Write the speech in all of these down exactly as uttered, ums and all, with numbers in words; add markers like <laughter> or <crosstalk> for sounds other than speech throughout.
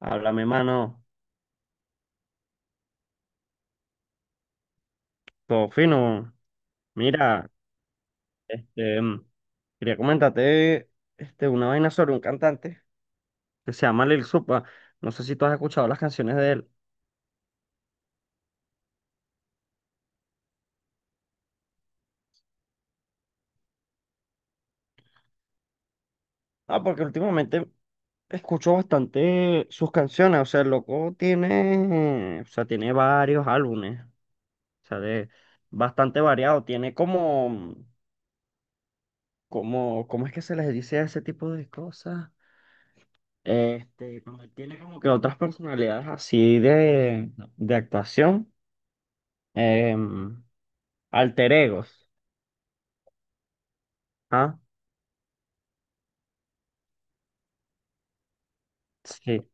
Háblame, mano. Todo fino. Mira, este, mm, quería comentarte este, una vaina sobre un cantante que se llama Lil Supa. No sé si tú has escuchado las canciones de él. Ah, porque últimamente escucho bastante sus canciones. O sea, el loco tiene, o sea, tiene varios álbumes. O sea, de bastante variado. Tiene como, como, ¿cómo es que se les dice a ese tipo de cosas? Este, cuando él tiene como que otras personalidades así de, de actuación. em, Alter egos. ¿Ah? Sí.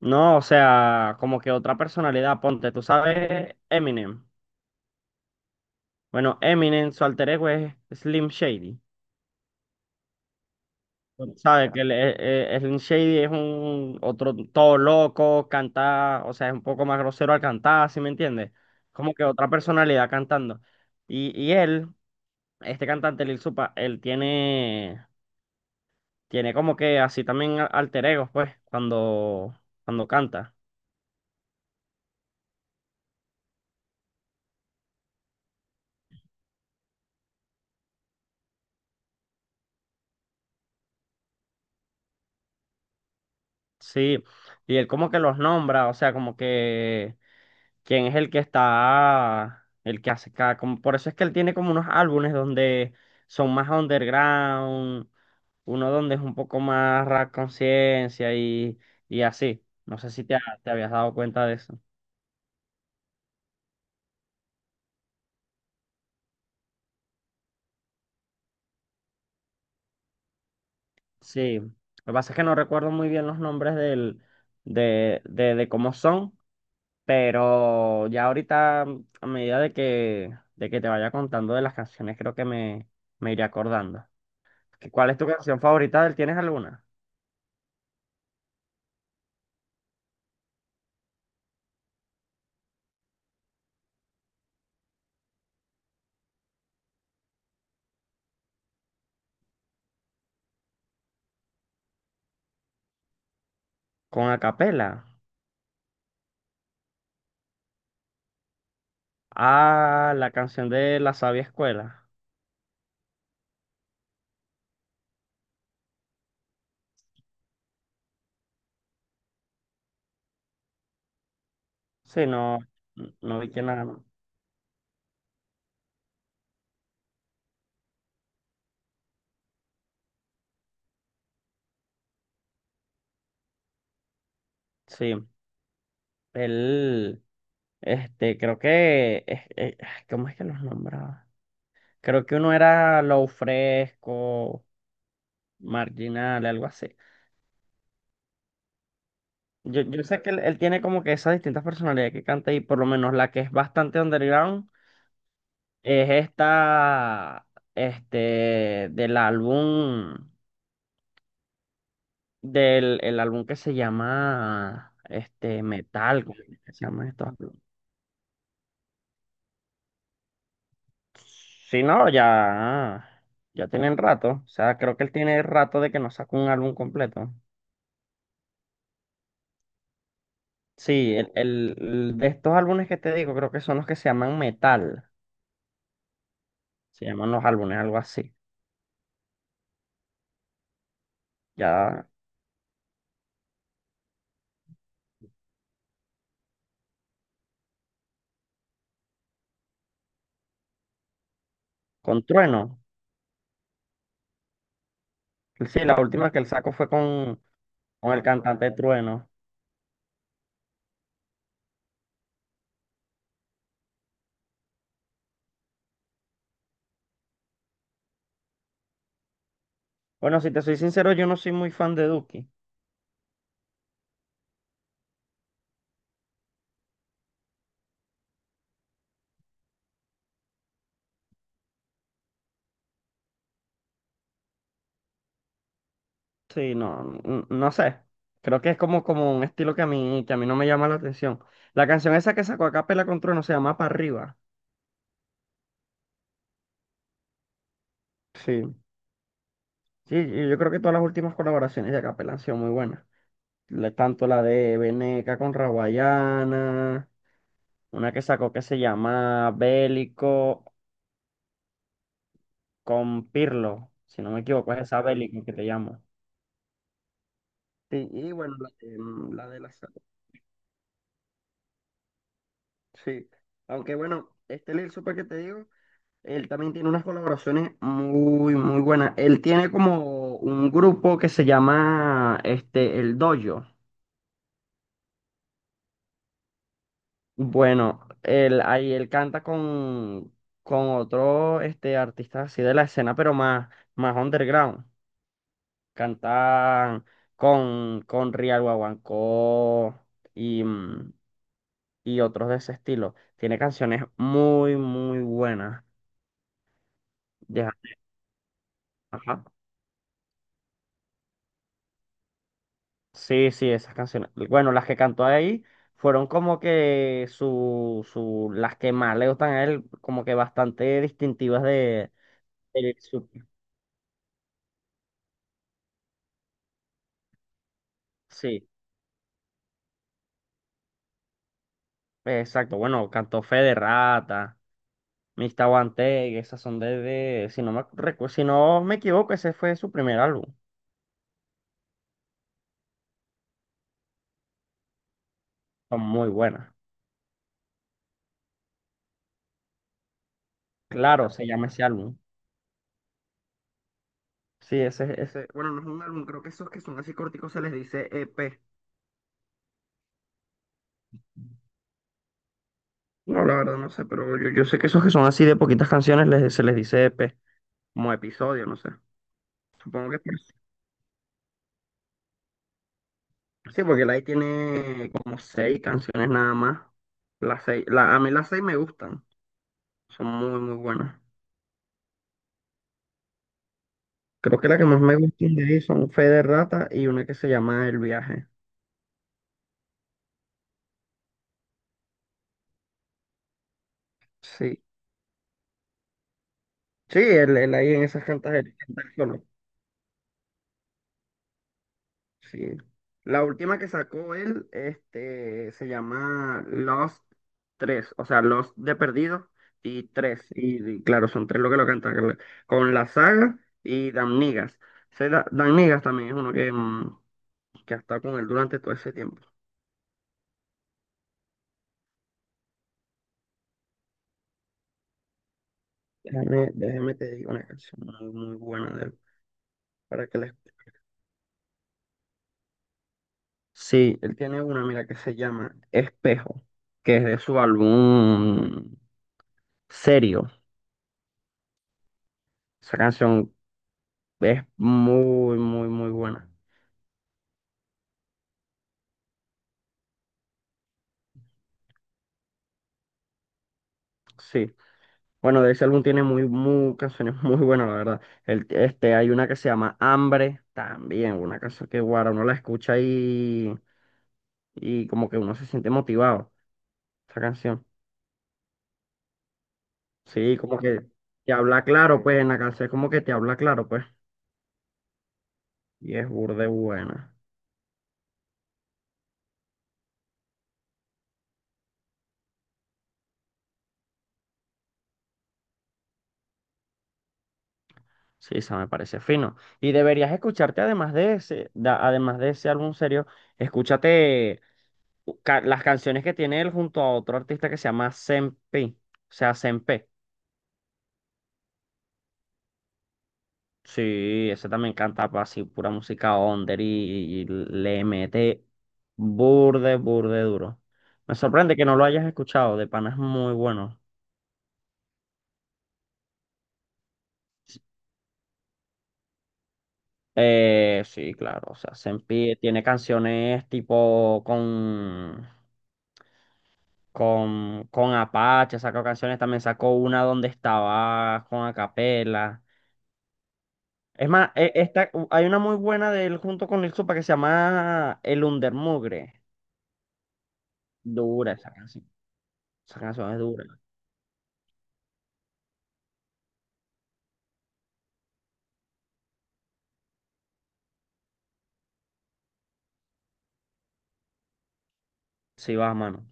No, o sea, como que otra personalidad, ponte, tú sabes Eminem. Bueno, Eminem, su alter ego es Slim Shady. Sabes que el- eh, eh, Slim Shady es un otro todo loco, canta, o sea, es un poco más grosero al cantar, ¿sí me entiendes? Como que otra personalidad cantando. Y, y él, este cantante Lil Supa, él tiene, tiene como que así también a- alter egos, pues, cuando, cuando canta. Sí, y él como que los nombra, o sea, como que quién es el que está, el que hace cada, como, por eso es que él tiene como unos álbumes donde son más underground, uno donde es un poco más rap conciencia y, y así. No sé si te, ha- te habías dado cuenta de eso. Sí, lo que pasa es que no recuerdo muy bien los nombres del, de, de, de cómo son. Pero ya ahorita, a medida de que, de que te vaya contando de las canciones, creo que me, me iré acordando. ¿Qué- ¿Cuál es tu canción favorita de él? ¿Tienes alguna? Con acapela. Ah, la canción de La Sabia Escuela. Sí, no, no vi que nada. Sí, él, este, creo que, es- es- ay, ¿cómo es que los nombraba? Creo que uno era Low Fresco, Marginal, algo así. Yo, yo sé que él, él tiene como que esas distintas personalidades que canta y por lo menos la que es bastante underground es esta, este, del álbum, del el álbum que se llama, este, Metal, ¿cómo es que se llama esto? Sí, no, ya, ya tienen rato, o sea, creo que él tiene rato de que no saca un álbum completo. Sí, el, el- el de estos álbumes que te digo, creo que son los que se llaman Metal, se llaman los álbumes, algo así, ya, con Trueno. Sí, la última que él sacó fue con, con el cantante Trueno. Bueno, si te soy sincero, yo no soy muy fan de Duki. Sí, no, n- no sé. Creo que es como, como un estilo que a mí, que a mí no me llama la atención. La canción esa que sacó a capela con Trueno se llama Pa' Arriba. Sí. Sí, y yo creo que todas las últimas colaboraciones de Acapela han sido muy buenas. La- tanto la de Veneca con Raguayana, una que sacó que se llama Bélico con Pirlo, si no me equivoco, es esa Bélico que te llamo. Sí, y bueno, la de, mm, la de la sal- sí. Aunque bueno, este Lil Super que te digo, él también tiene unas colaboraciones muy, muy buenas. Él tiene como un grupo que se llama este, El Dojo. Bueno, él, ahí él canta con, con otro este, artista así de la escena, pero más, más underground. Cantan con, con Rial Guaguancó y, mm, y otros de ese estilo. Tiene canciones muy, muy buenas. Deja- ajá. Sí, sí, esas canciones. Bueno, las que cantó ahí fueron como que su, su, las que más le gustan a él, como que bastante distintivas de, de su- sí, exacto. Bueno, cantó Fe de Rata, Mista Guante, esas son de, de- si no me, recu- si no me equivoco, ese fue su primer álbum. Son muy buenas. Claro, se llama ese álbum. Sí, ese, ese, bueno, no es un álbum, creo que esos que son así corticos se les dice E P. No, la verdad no sé, pero yo, yo sé que esos que son así de poquitas canciones les, se les dice E P, como episodio, no sé. Supongo que es por eso. Sí, porque el ahí tiene como seis canciones nada más. Las seis, la, a mí las seis me gustan, son muy, muy buenas. Creo que la que más me gusta de ahí son Fe de Rata y una que se llama El Viaje. Sí, sí, él, él ahí en esas cantas, él canta solo. Sí. La última que sacó él, este, se llama Lost tres, o sea, Lost de perdido y tres. Y, y claro, son tres lo que lo cantan que le- con la saga y Dan Niggas. Se da- Dan Niggas también es uno que, mm, que ha estado con él durante todo ese tiempo. Déjame, déjame te digo una canción muy, muy buena de él para que la escu- sí, él tiene una, mira, que se llama Espejo, que es de su álbum Serio. Esa canción es muy, muy, muy buena. Sí. Bueno, de ese álbum tiene muy, muy canciones <laughs> muy buenas, la verdad. El, este, hay una que se llama Hambre, también, una canción que guara, uno la escucha y, y como que uno se siente motivado, esa canción. Sí, como que te habla claro, pues, en la canción como que te habla claro, pues. Y es burde buena. Sí, esa me parece fino. Y deberías escucharte además de ese, da- además de ese álbum serio, escúchate ca- las canciones que tiene él junto a otro artista que se llama Sempe, o sea, Sempe. Sí, ese también canta pa- así pura música under y, y le mete burde, burde duro. Me sorprende que no lo hayas escuchado, de pana es muy bueno. Eh, sí, claro, o sea, Sempe tiene canciones tipo con, con, con Apache, sacó canciones, también sacó una donde estaba con Acapela. Es más, e- esta, hay una muy buena de él junto con Lil Supa que se llama El Undermugre. Dura esa canción. Esa canción es dura. Sí, va, mano.